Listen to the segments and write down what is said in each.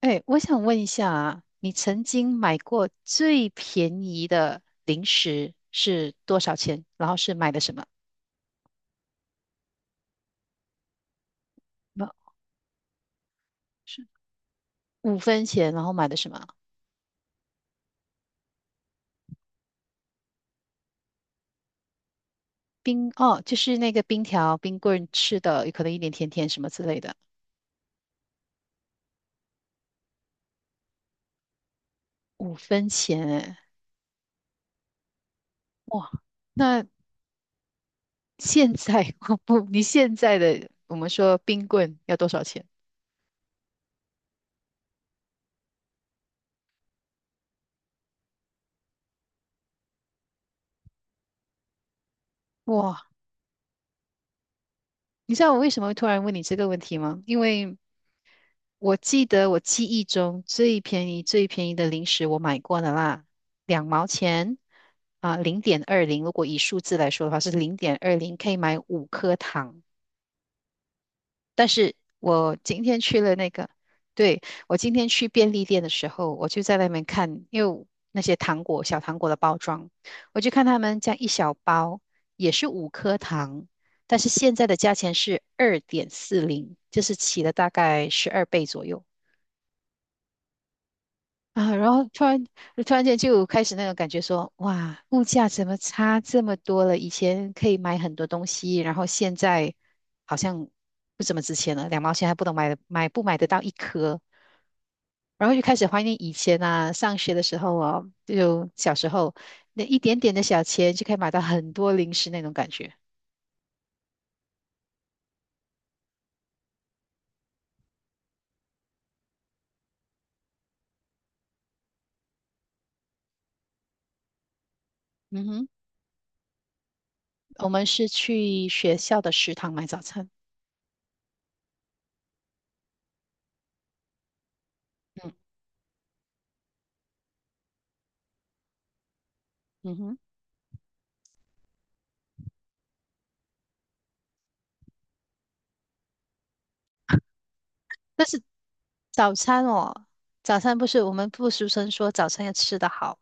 哎，我想问一下啊，你曾经买过最便宜的零食是多少钱？然后是买的什么？不是五分钱，然后买的什么？冰，哦，就是那个冰条、冰棍吃的，有可能一点甜甜什么之类的。五分钱，哎，哇，那现在 我不，你现在的我们说冰棍要多少钱？哇，你知道我为什么会突然问你这个问题吗？因为我记忆中最便宜、最便宜的零食我买过的啦，两毛钱啊，零点二零。如果以数字来说的话，是零点二零，可以买五颗糖。但是我今天去了那个，对，我今天去便利店的时候，我就在外面看，因为那些糖果、小糖果的包装，我就看他们这样一小包也是五颗糖，但是现在的价钱是2.40，就是起了大概12倍左右。啊，然后突然间就开始那种感觉说，哇，物价怎么差这么多了？以前可以买很多东西，然后现在好像不怎么值钱了，两毛钱还不能买得买不买得到一颗。然后就开始怀念以前啊，上学的时候哦，就小时候那一点点的小钱就可以买到很多零食那种感觉。嗯哼，我们是去学校的食堂买早餐。嗯嗯哼。早餐哦，早餐不是我们不俗称说早餐要吃得好，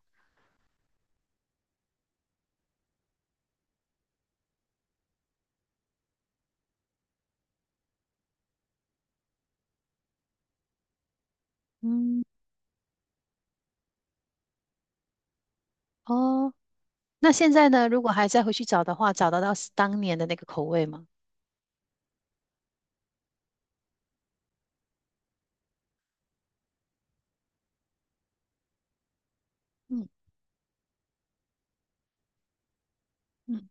嗯，哦，那现在呢？如果还再回去找的话，找得到是当年的那个口味吗？嗯嗯，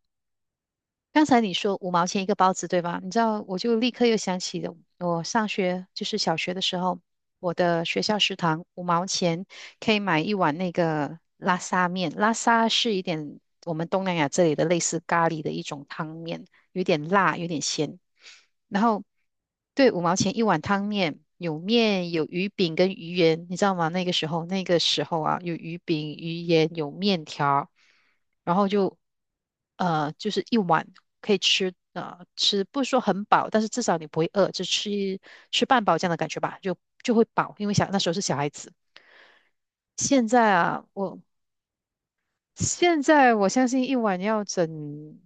刚才你说五毛钱一个包子，对吧？你知道，我就立刻又想起了我上学，就是小学的时候，我的学校食堂五毛钱，可以买一碗那个拉沙面。拉沙是一点我们东南亚这里的类似咖喱的一种汤面，有点辣，有点咸。然后对，五毛钱一碗汤面，有面有鱼饼跟鱼圆，你知道吗？那个时候啊，有鱼饼、鱼圆，有面条，然后就就是一碗可以吃。啊吃不是说很饱，但是至少你不会饿，就吃吃半饱这样的感觉吧，就会饱，因为那时候是小孩子。现在啊，现在我相信一碗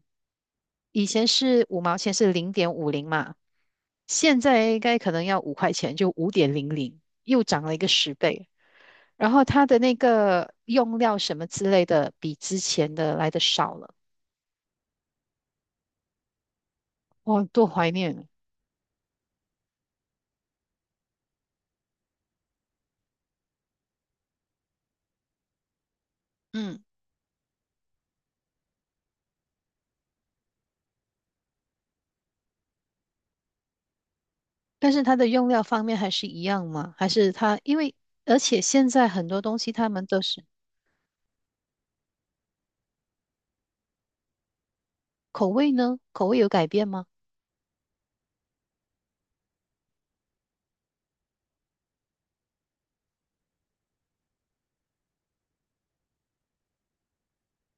以前是五毛钱是0.50嘛，现在应该可能要5块钱，就5.00，又涨了一个10倍。然后它的那个用料什么之类的，比之前的来的少了，哇，多怀念。嗯，但是它的用料方面还是一样吗？还是它因为而且现在很多东西他们都是口味呢？口味有改变吗？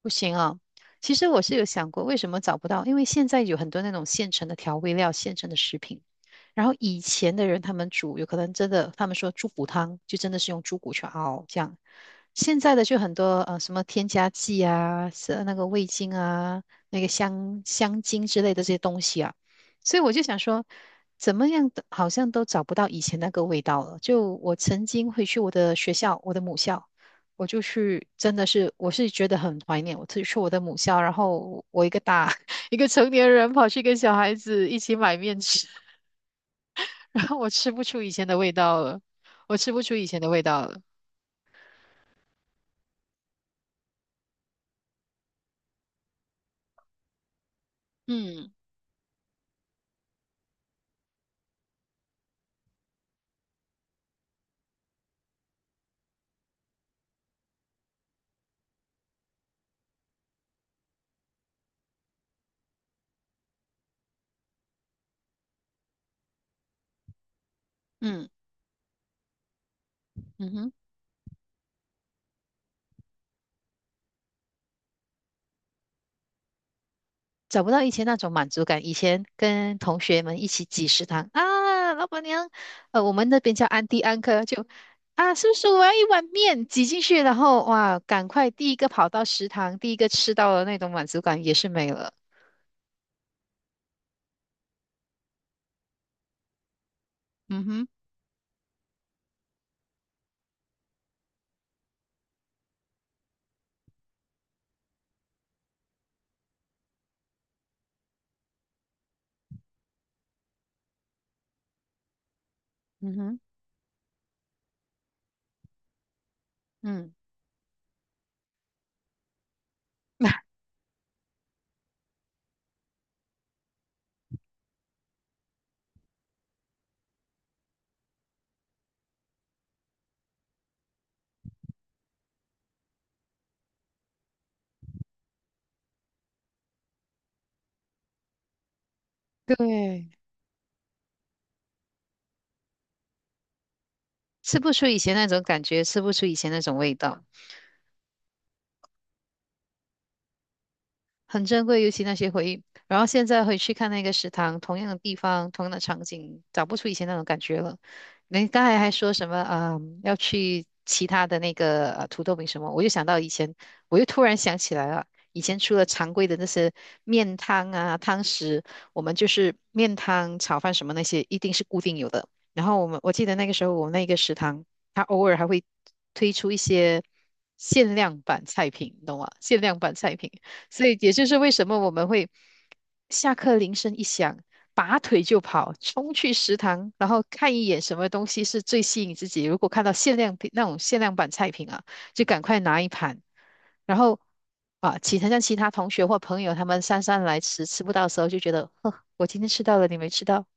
不行啊，其实我是有想过，为什么找不到？因为现在有很多那种现成的调味料、现成的食品。然后以前的人他们煮，有可能真的，他们说猪骨汤就真的是用猪骨去熬这样。现在的就很多什么添加剂啊，是那个味精啊，那个香精之类的这些东西啊。所以我就想说，怎么样的好像都找不到以前那个味道了。就我曾经回去我的学校，我的母校。我就去，真的是，我是觉得很怀念我自己去我的母校，然后我一个大 一个成年人跑去跟小孩子一起买面吃，然后我吃不出以前的味道了，我吃不出以前的味道了，嗯嗯嗯哼，找不到以前那种满足感，以前跟同学们一起挤食堂啊，老板娘，我们那边叫安迪安科就。啊，叔叔，我要一碗面，挤进去，然后哇，赶快第一个跑到食堂，第一个吃到了那种满足感也是没了。嗯哼。嗯哼，嗯，对，吃不出以前那种感觉，吃不出以前那种味道。很珍贵，尤其那些回忆。然后现在回去看那个食堂，同样的地方，同样的场景，找不出以前那种感觉了。您刚才还说什么啊、要去其他的那个土豆饼什么，我就想到以前，我又突然想起来了，以前除了常规的那些面汤啊、汤食，我们就是面汤、炒饭什么那些，一定是固定有的。然后我记得那个时候，我们那个食堂，它偶尔还会推出一些限量版菜品，你懂吗？限量版菜品。所以也就是为什么我们会下课铃声一响，拔腿就跑，冲去食堂，然后看一眼什么东西是最吸引自己。如果看到限量品那种限量版菜品啊，就赶快拿一盘。然后啊，其他同学或朋友他们姗姗来迟，吃不到的时候就觉得，呵，我今天吃到了，你没吃到。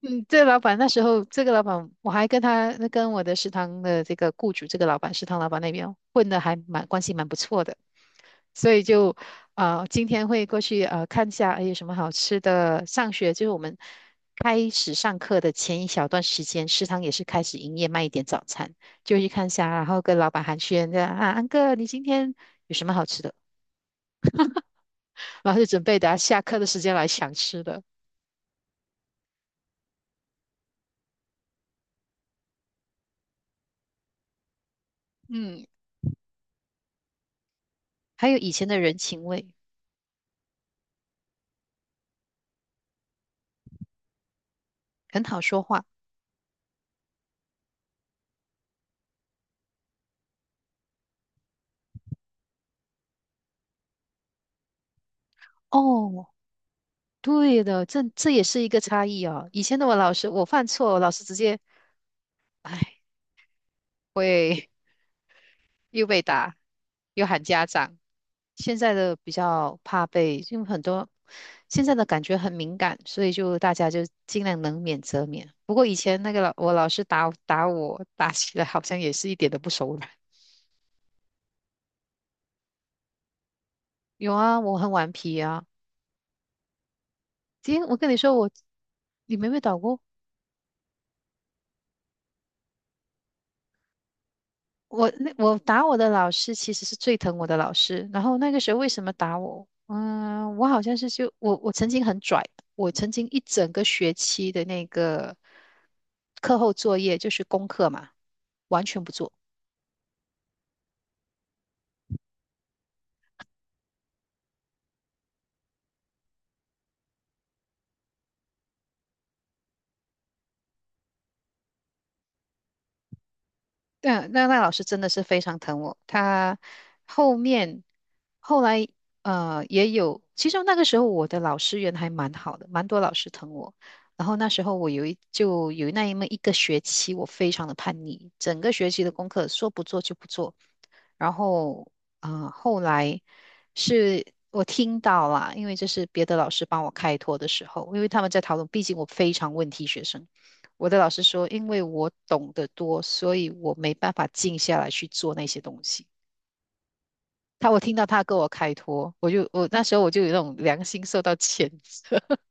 嗯，这老板那时候，这个老板我还跟我的食堂的这个雇主，这个老板食堂老板那边混的还蛮关系蛮不错的。所以就今天会过去看一下，哎，有什么好吃的？上学就是我们开始上课的前一小段时间，食堂也是开始营业卖一点早餐，就去看一下，然后跟老板寒暄这样啊，安哥，你今天有什么好吃的？然后就准备等下下课的时间来想吃的。嗯，还有以前的人情味，很好说话。哦，对的，这也是一个差异哦。以前的我老师，我犯错，我老师直接，哎，会又被打，又喊家长。现在的比较怕被，因为很多现在的感觉很敏感，所以就大家就尽量能免则免。不过以前那个我老师打我，打起来好像也是一点都不手软。有啊，我很顽皮啊。今天我跟你说我，你没被打过？我打我的老师其实是最疼我的老师，然后那个时候为什么打我？嗯，我好像是就我曾经很拽，我曾经一整个学期的那个课后作业就是功课嘛，完全不做。对啊，那老师真的是非常疼我，他后面后来也有，其实那个时候我的老师缘还蛮好的，蛮多老师疼我。然后那时候我就有那么一个学期，我非常的叛逆，整个学期的功课说不做就不做，然后后来是我听到啦，因为这是别的老师帮我开脱的时候，因为他们在讨论，毕竟我非常问题学生，我的老师说，因为我懂得多，所以我没办法静下来去做那些东西。我听到他跟我开脱，我那时候我就有那种良心受到谴责，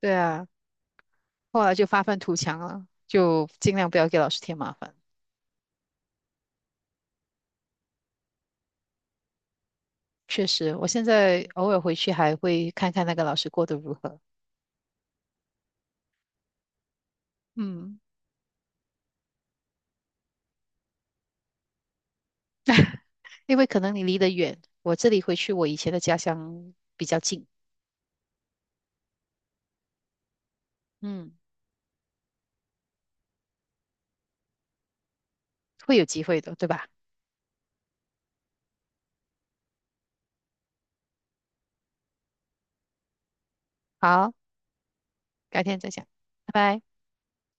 对啊，后来就发愤图强了，就尽量不要给老师添麻烦。确实，我现在偶尔回去还会看看那个老师过得如何。嗯。因为可能你离得远，我这里回去我以前的家乡比较近，嗯，会有机会的，对吧？好，改天再讲，拜拜。